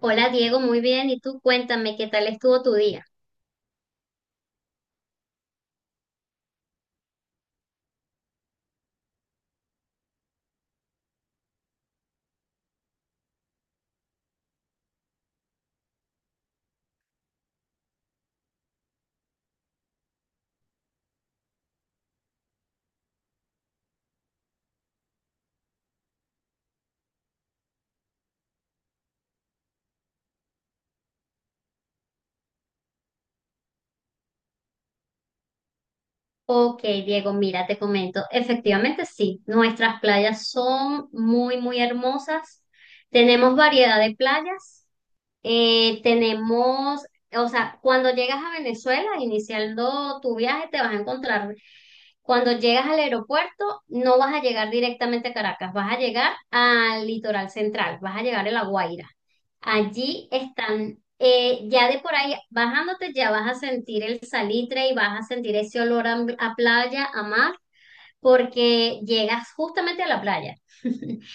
Hola Diego, muy bien. ¿Y tú cuéntame qué tal estuvo tu día? Ok, Diego, mira, te comento. Efectivamente, sí, nuestras playas son muy, muy hermosas. Tenemos variedad de playas. Tenemos, o sea, cuando llegas a Venezuela, iniciando tu viaje, te vas a encontrar, cuando llegas al aeropuerto, no vas a llegar directamente a Caracas, vas a llegar al litoral central, vas a llegar a La Guaira. Allí están, ya de por ahí bajándote, ya vas a sentir el salitre y vas a sentir ese olor a playa, a mar, porque llegas justamente a la playa.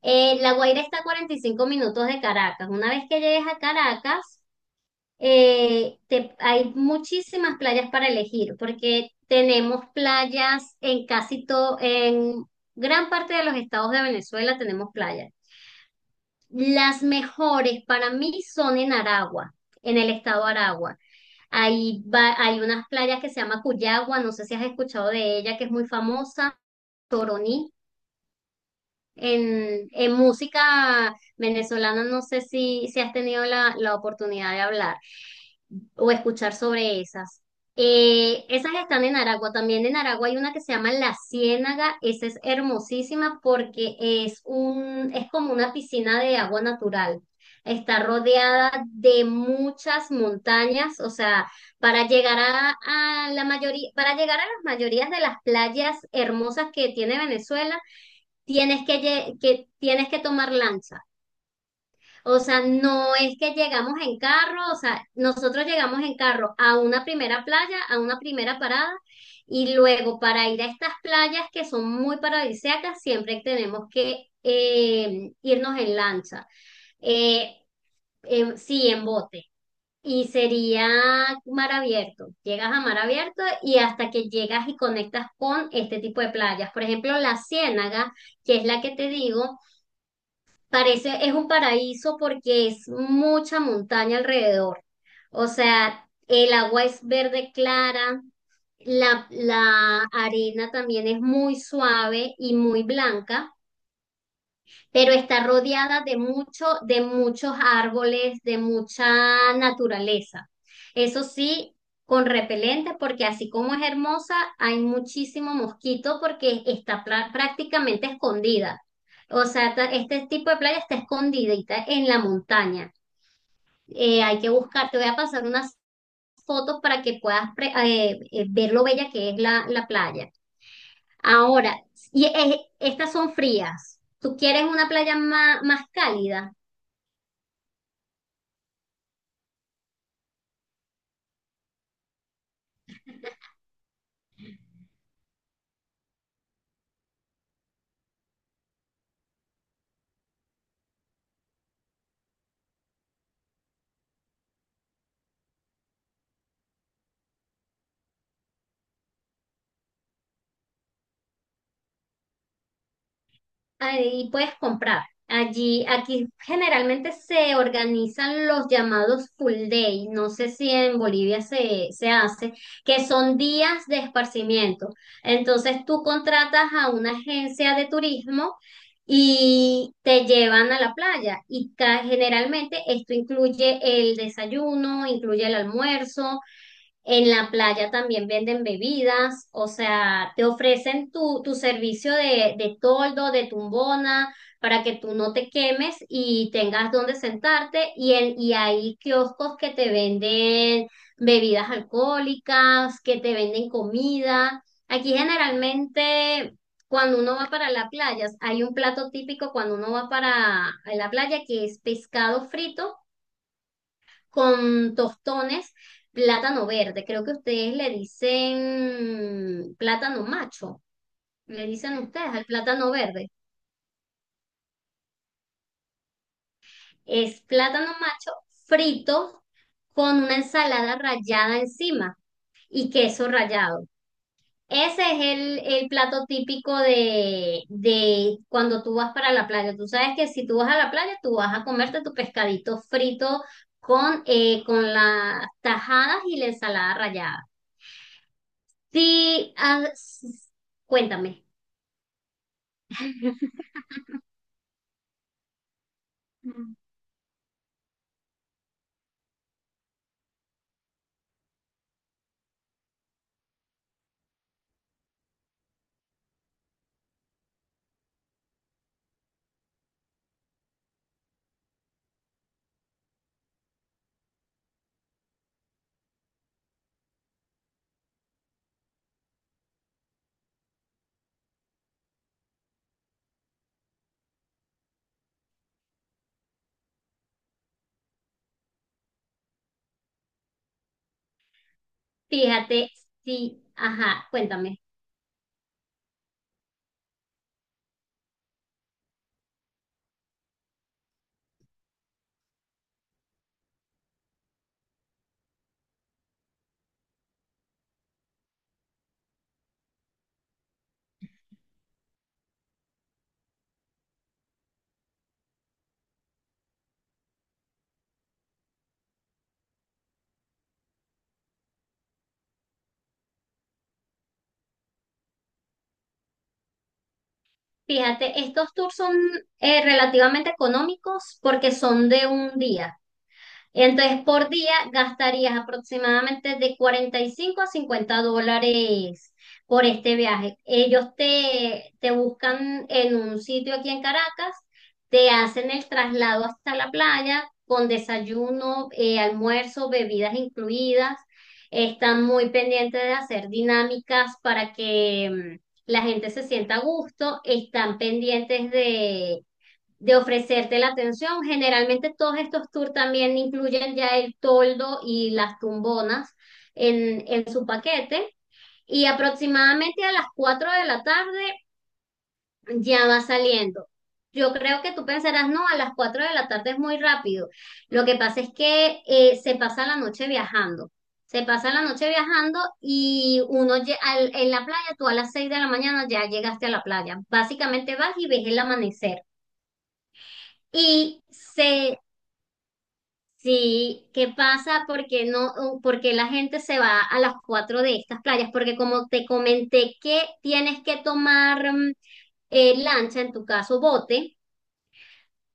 La Guaira está a 45 minutos de Caracas. Una vez que llegues a Caracas, hay muchísimas playas para elegir, porque tenemos playas en casi todo, en gran parte de los estados de Venezuela tenemos playas. Las mejores para mí son en Aragua, en el estado de Aragua. Hay unas playas que se llama Cuyagua, no sé si has escuchado de ella, que es muy famosa, Toroní. En música venezolana no sé si has tenido la oportunidad de hablar o escuchar sobre esas. Esas están en Aragua. También en Aragua hay una que se llama La Ciénaga. Esa es hermosísima porque es como una piscina de agua natural. Está rodeada de muchas montañas, o sea, para llegar a, a la mayoría, para llegar a las mayorías de las playas hermosas que tiene Venezuela, tienes que tomar lancha. O sea, no es que llegamos en carro, o sea, nosotros llegamos en carro a una primera playa, a una primera parada, y luego para ir a estas playas que son muy paradisíacas, siempre tenemos que irnos en lancha. Eh, sí, en bote. Y sería mar abierto. Llegas a mar abierto y hasta que llegas y conectas con este tipo de playas. Por ejemplo, la Ciénaga, que es la que te digo. Es un paraíso porque es mucha montaña alrededor. O sea, el agua es verde clara, la arena también es muy suave y muy blanca, pero está rodeada de muchos árboles, de mucha naturaleza. Eso sí, con repelente, porque así como es hermosa, hay muchísimo mosquito porque está prácticamente escondida. O sea, este tipo de playa está escondidita en la montaña. Hay que buscar, te voy a pasar unas fotos para que puedas ver lo bella que es la playa. Ahora, estas son frías. ¿Tú quieres una playa más cálida? Ahí puedes comprar. Allí, aquí generalmente se organizan los llamados full day. No sé si en Bolivia se hace, que son días de esparcimiento. Entonces tú contratas a una agencia de turismo y te llevan a la playa. Y generalmente esto incluye el desayuno, incluye el almuerzo, en la playa también venden bebidas, o sea, te ofrecen tu servicio de toldo, de tumbona, para que tú no te quemes y tengas donde sentarte. Y hay kioscos que te venden bebidas alcohólicas, que te venden comida. Aquí generalmente, cuando uno va para la playa, hay un plato típico cuando uno va para la playa que es pescado frito con tostones, plátano verde. Creo que ustedes le dicen plátano macho. Le dicen ustedes al plátano verde. Es plátano macho frito con una ensalada rallada encima y queso rallado. Ese es el plato típico de cuando tú vas para la playa. Tú sabes que si tú vas a la playa, tú vas a comerte tu pescadito frito con las tajadas y la ensalada rallada. Sí, cuéntame. Mm. Fíjate, sí, ajá, cuéntame. Fíjate, estos tours son relativamente económicos porque son de un día. Entonces, por día gastarías aproximadamente de $45 a $50 por este viaje. Ellos te buscan en un sitio aquí en Caracas, te hacen el traslado hasta la playa con desayuno, almuerzo, bebidas incluidas. Están muy pendientes de hacer dinámicas para que la gente se sienta a gusto. Están pendientes de ofrecerte la atención. Generalmente todos estos tours también incluyen ya el toldo y las tumbonas en su paquete y aproximadamente a las 4 de la tarde ya va saliendo. Yo creo que tú pensarás, no, a las 4 de la tarde es muy rápido. Lo que pasa es que se pasa la noche viajando. Se pasa la noche viajando y en la playa, tú a las 6 de la mañana ya llegaste a la playa. Básicamente vas y ves el amanecer. Y se, Sí, ¿qué pasa? Porque no, porque la gente se va a las 4 de estas playas, porque como te comenté que tienes que tomar lancha, en tu caso bote,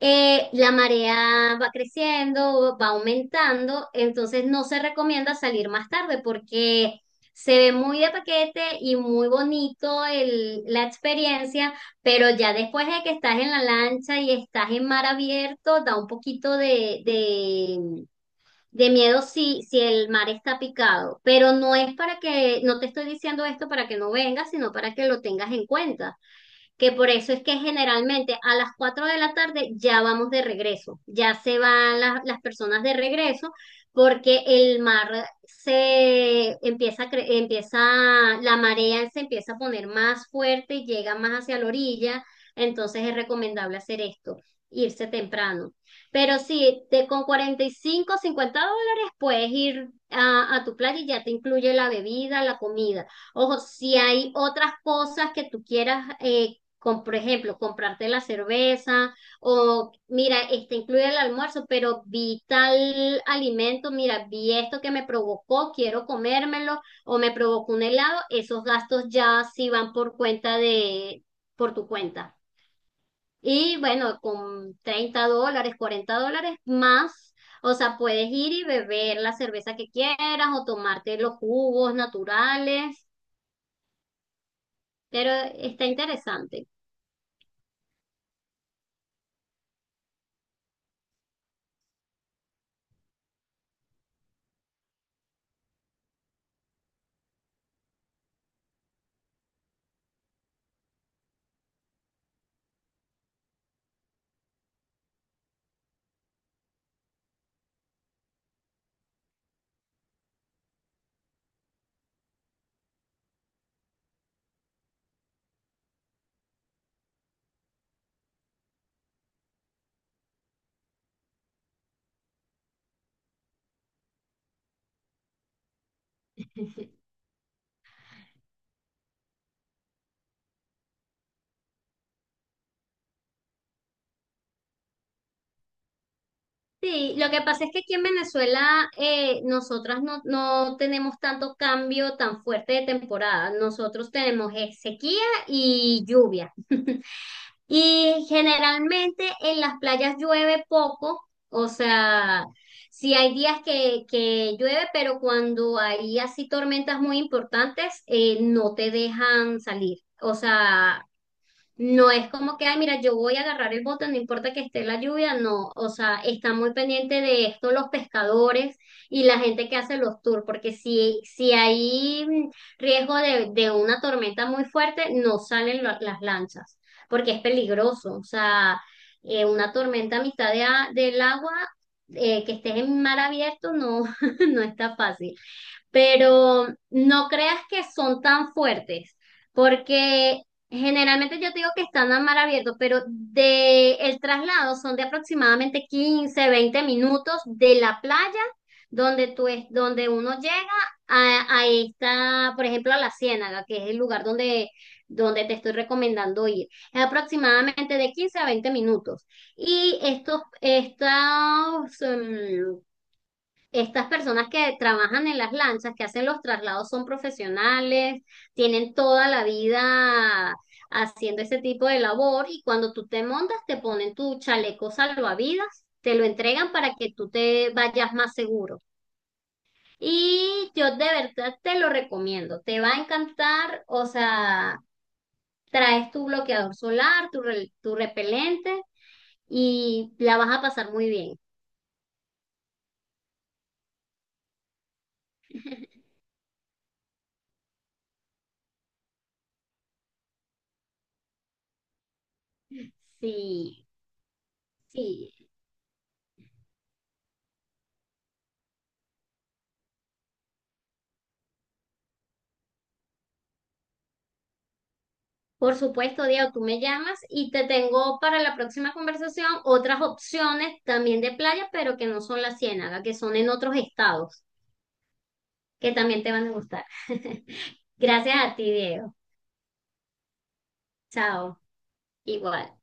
la marea va creciendo, va aumentando, entonces no se recomienda salir más tarde porque se ve muy de paquete y muy bonito la experiencia, pero ya después de que estás en la lancha y estás en mar abierto, da un poquito de miedo si el mar está picado, pero no es para que, no te estoy diciendo esto para que no vengas, sino para que lo tengas en cuenta que por eso es que generalmente a las 4 de la tarde ya vamos de regreso, ya se van las personas de regreso porque el mar se empieza, a cre- empieza, la marea se empieza a poner más fuerte y llega más hacia la orilla, entonces es recomendable hacer esto, irse temprano. Pero sí, con $45 $50 puedes ir a tu playa y ya te incluye la bebida, la comida. Ojo, si hay otras cosas que tú quieras por ejemplo, comprarte la cerveza o mira, este incluye el almuerzo, pero vi tal alimento, mira, vi esto que me provocó, quiero comérmelo o me provocó un helado, esos gastos ya sí van por tu cuenta. Y bueno, con $30, $40 más. O sea, puedes ir y beber la cerveza que quieras o tomarte los jugos naturales, pero está interesante. Sí, lo que pasa es que aquí en Venezuela nosotras no, no tenemos tanto cambio tan fuerte de temporada. Nosotros tenemos sequía y lluvia. Y generalmente en las playas llueve poco, o sea, sí hay días que llueve, pero cuando hay así tormentas muy importantes, no te dejan salir. O sea, no es como que, ay, mira, yo voy a agarrar el bote, no importa que esté la lluvia, no. O sea, está muy pendiente de esto los pescadores y la gente que hace los tours, porque si hay riesgo de una tormenta muy fuerte, no salen las lanchas, porque es peligroso. O sea, una tormenta a mitad del agua, que estés en mar abierto, no, no está fácil, pero no creas que son tan fuertes, porque generalmente yo te digo que están a mar abierto, pero de el traslado son de aproximadamente 15 20 minutos de la playa donde tú es, donde uno llega a esta, por ejemplo, a la Ciénaga, que es el lugar donde, donde te estoy recomendando ir. Es aproximadamente de 15 a 20 minutos. Y estos, estos, em, estas personas que trabajan en las lanchas, que hacen los traslados, son profesionales, tienen toda la vida haciendo ese tipo de labor y cuando tú te montas te ponen tu chaleco salvavidas, te lo entregan para que tú te vayas más seguro. Y yo de verdad te lo recomiendo, te va a encantar, o sea, traes tu bloqueador solar, tu repelente y la vas a pasar muy bien. Sí, sí, por supuesto, Diego, tú me llamas y te tengo para la próxima conversación otras opciones también de playa, pero que no son la Ciénaga, que son en otros estados, que también te van a gustar. Gracias a ti, Diego. Chao. Igual.